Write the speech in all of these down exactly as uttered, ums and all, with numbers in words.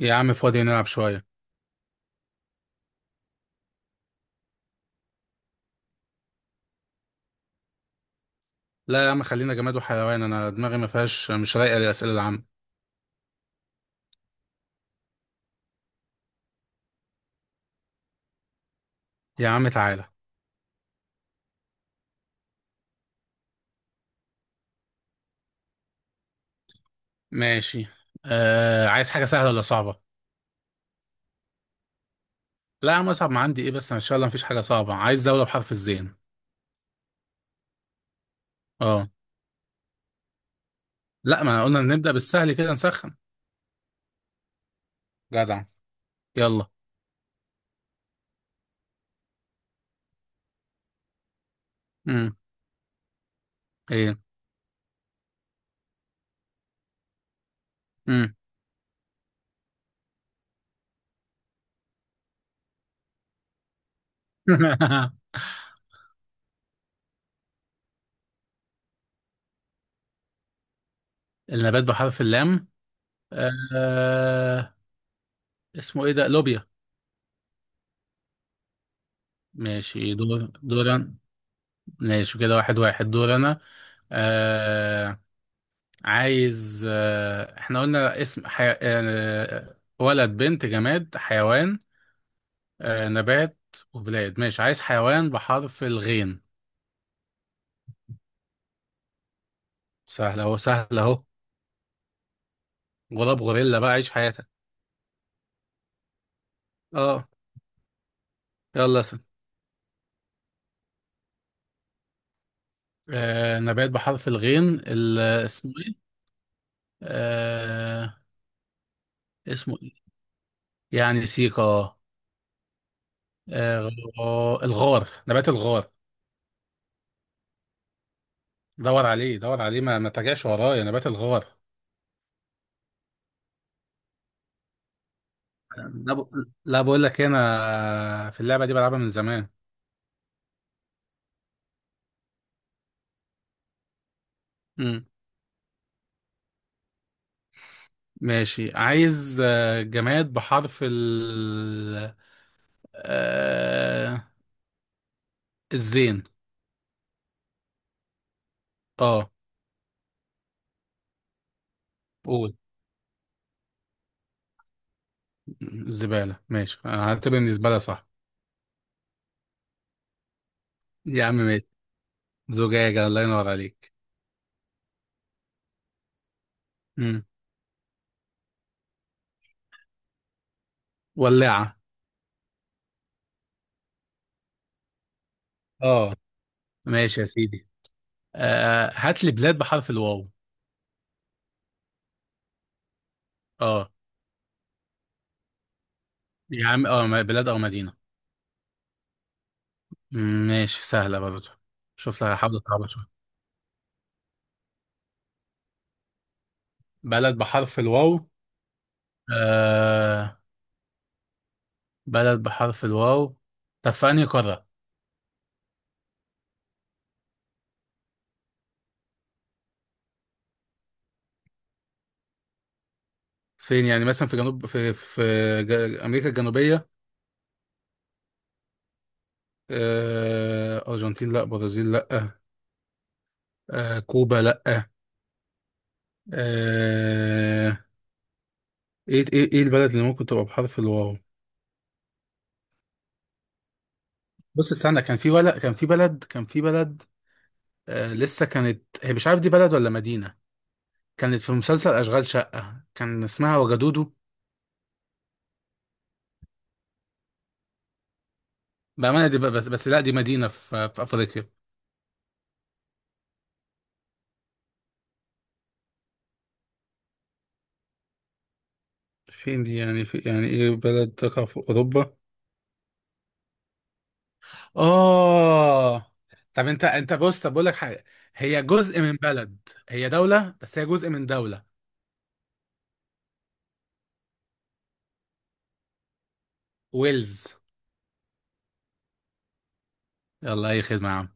يا عم فاضي نلعب شوية. لا يا عم، خلينا جماد وحيوان، أنا دماغي ما فيهاش، مش رايقة للأسئلة العامة. يا عم تعالى. ماشي. آه، عايز حاجة سهلة ولا صعبة؟ لا يا عم، أصعب ما عندي إيه، بس إن شاء الله مفيش حاجة صعبة. عايز دولة بحرف الزين. أه. لا، ما قلنا نبدأ بالسهل كده نسخن. جدع. يلا. امم إيه. امم النبات بحرف اللام. آه. اسمه إيه ده، لوبيا. ماشي، دور دور أنا. ماشي كده، واحد واحد، دور أنا. آه، عايز آه، احنا قلنا اسم حي... آه، ولد، بنت، جماد، حيوان، آه، نبات وبلاد. ماشي، عايز حيوان بحرف الغين. سهل اهو، سهل اهو. غراب، غوريلا، بقى عيش حياتك. اه. يلا اسم. آه، نبات بحرف الغين، ال- اسمه ايه؟ آه، اسمه ايه؟ يعني سيكا، اه. آه، الغار، نبات الغار. دور عليه، دور عليه، ما, ما ترجعش ورايا، نبات الغار. لا ب... لا، بقول لك إيه، انا في اللعبه دي بلعبها من زمان. امم ماشي، عايز آه، جماد بحرف ال آه... الزين. اه قول. الزباله، ماشي، أنا هعتبر ان الزباله صح. يا عم ماشي، زجاجه، الله ينور عليك. امم ولاعه. اه. ماشي يا سيدي. آه... آه، هات لي بلاد بحرف الواو. اه. يا عم اه، م- بلاد او مدينه. مم، ماشي، سهله برضه. شوف لك، هحاول اصعبها شويه. بلد بحرف الواو. آه، بلد بحرف الواو. طب في أنهي قارة؟ فين يعني؟ مثلا في جنوب في في جا- أمريكا الجنوبية. آه، أرجنتين لأ، برازيل لأ. آه، كوبا لأ. آه، إيه إيه إيه البلد اللي ممكن تبقى بحرف الواو؟ بص استنى، كان في، ولا كان في بلد، كان في بلد. آه، لسه كانت هي، مش عارف دي بلد ولا مدينة. كانت في مسلسل أشغال شقة، كان اسمها وجدودو. بأمانة دي، ب- بس بس لأ، دي مدينة في في أفريقيا. فين دي يعني؟ في يعني ايه بلد تقع في اوروبا؟ اه. طب انت انت بص، طب بقول لك حاجه، هي جزء من بلد، هي دوله، بس هي جزء من دوله. ويلز. يلا، اي خدمه يا عم.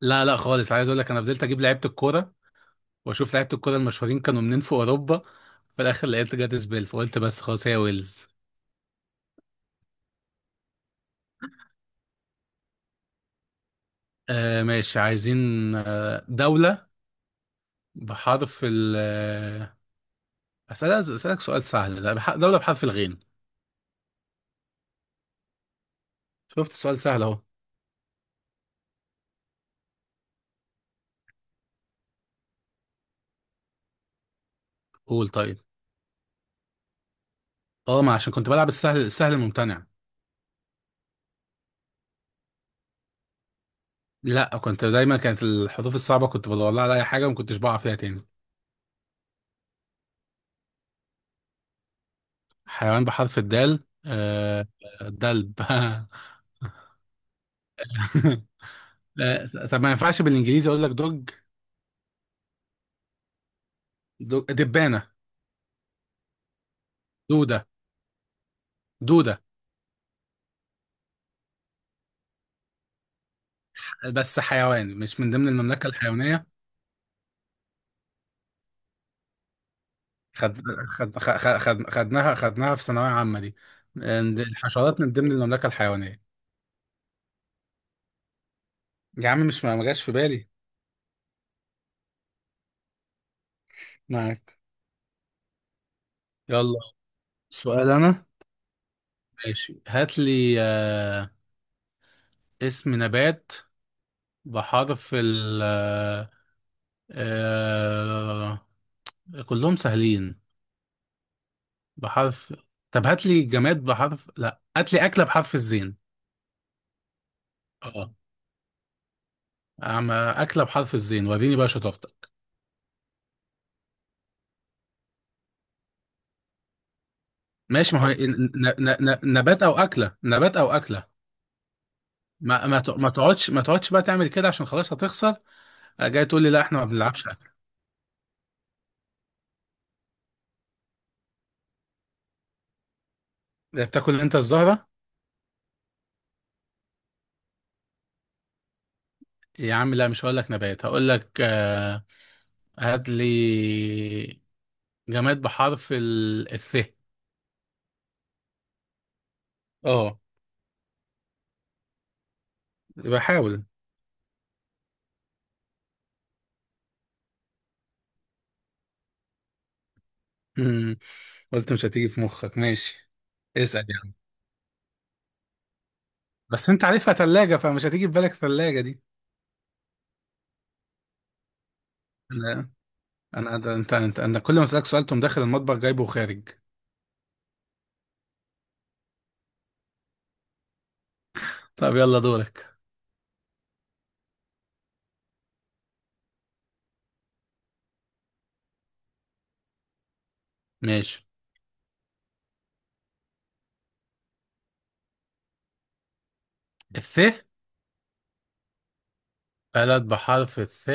لا لا خالص، عايز اقول لك، انا فضلت اجيب لعيبه الكوره، واشوف لعيبه الكوره المشهورين كانوا منين في اوروبا. في الاخر لقيت جاتس بيل، فقلت بس خلاص هي ويلز. آه، ماشي. عايزين آه دوله بحرف ال آه، اسالك، اسالك سؤال سهل ده، بح- دوله بحرف الغين. شفت سؤال سهل اهو. قول طيب. اه، ما عشان كنت بلعب السهل، السهل الممتنع. لا، كنت دايما كانت الحروف الصعبة كنت بدور لها على أي حاجة، وما كنتش بقع فيها تاني. حيوان بحرف الدال، آه. دلب لا، طب ما ينفعش بالإنجليزي أقول لك دوج؟ دوج- دبانة. دودة. دودة. بس حيوان مش من ضمن المملكة الحيوانية. خد خد خد خد- خدناها خدناها في ثانوية عامة دي، إن الحشرات من ضمن المملكة الحيوانية. يا عم مش، ما ما جاش في بالي. معاك. يلا، سؤال أنا. ماشي، هات لي آه، اسم نبات بحرف ال آه، آه، كلهم سهلين. بحرف، طب هات لي جماد بحرف، لا هات لي أكلة بحرف الزين. اه. أعمل أكلة بحرف الزين، وريني بقى شطارتك. ماشي، ما هو طب ن- ن- ن- ن- نبات أو أكلة، نبات أو أكلة. ما ما ت- ما تقعدش، ما تقعدش بقى تعمل كده، عشان خلاص هتخسر. جاي تقول لي لا احنا ما بنلعبش أكل؟ بتاكل انت الزهرة؟ يا عم لا، مش هقول لك نبات، هقول لك آه، هات لي جماد بحرف ال الث. اه، بحاول. مم. قلت مش هتيجي في مخك، ماشي. اسأل يعني. بس انت عارفها ثلاجة، فمش هتيجي في بالك ثلاجة دي. لا. انا ده انت انت انا كل ما اسألك سؤال تقوم داخل المطبخ جايبه وخارج. طب يلا دورك. ماشي. الث. بلد بحرف الث،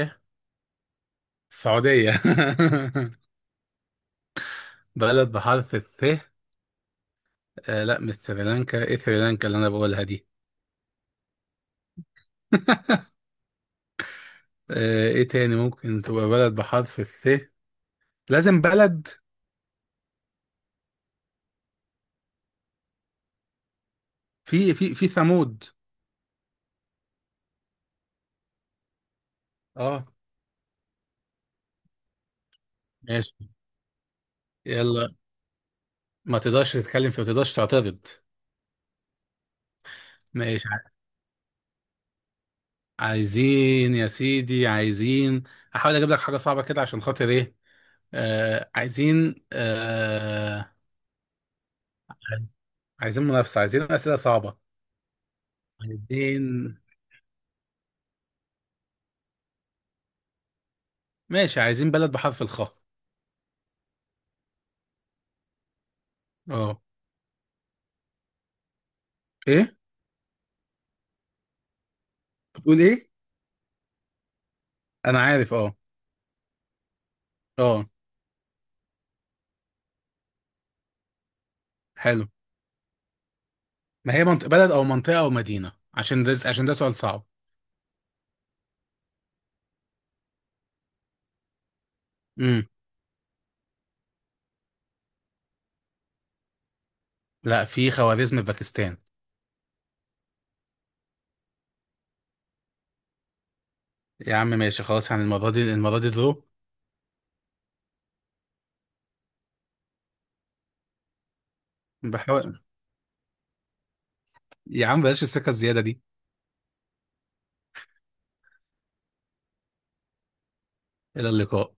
السعودية بلد بحرف الث. آه لا، مش سريلانكا، ايه سريلانكا اللي انا بقولها دي؟ آه، ايه تاني ممكن تبقى بلد بحرف الث؟ لازم بلد. في في في ثمود. اه. ماشي. يلا. ما تقدرش تتكلم في، ما تقدرش تعترض. ماشي، ع- عايزين يا سيدي، عايزين. هحاول اجيب لك حاجة صعبة كده، عشان خاطر ايه. آه عايزين، آه عايزين منافسة، عايزين أسئلة صعبة. عايزين. ماشي، عايزين بلد بحرف الخاء. اه. ايه؟ بتقول ايه؟ انا عارف اه. اه حلو. ما هي منطقة، بلد او منطقة او مدينة، عشان ده، عشان ده سؤال صعب. امم لا، في خوارزم في باكستان. يا عم ماشي خلاص، يعني المرة دي، المرة دي درو. بحاول. يا عم بلاش السكة الزيادة دي. إلى اللقاء.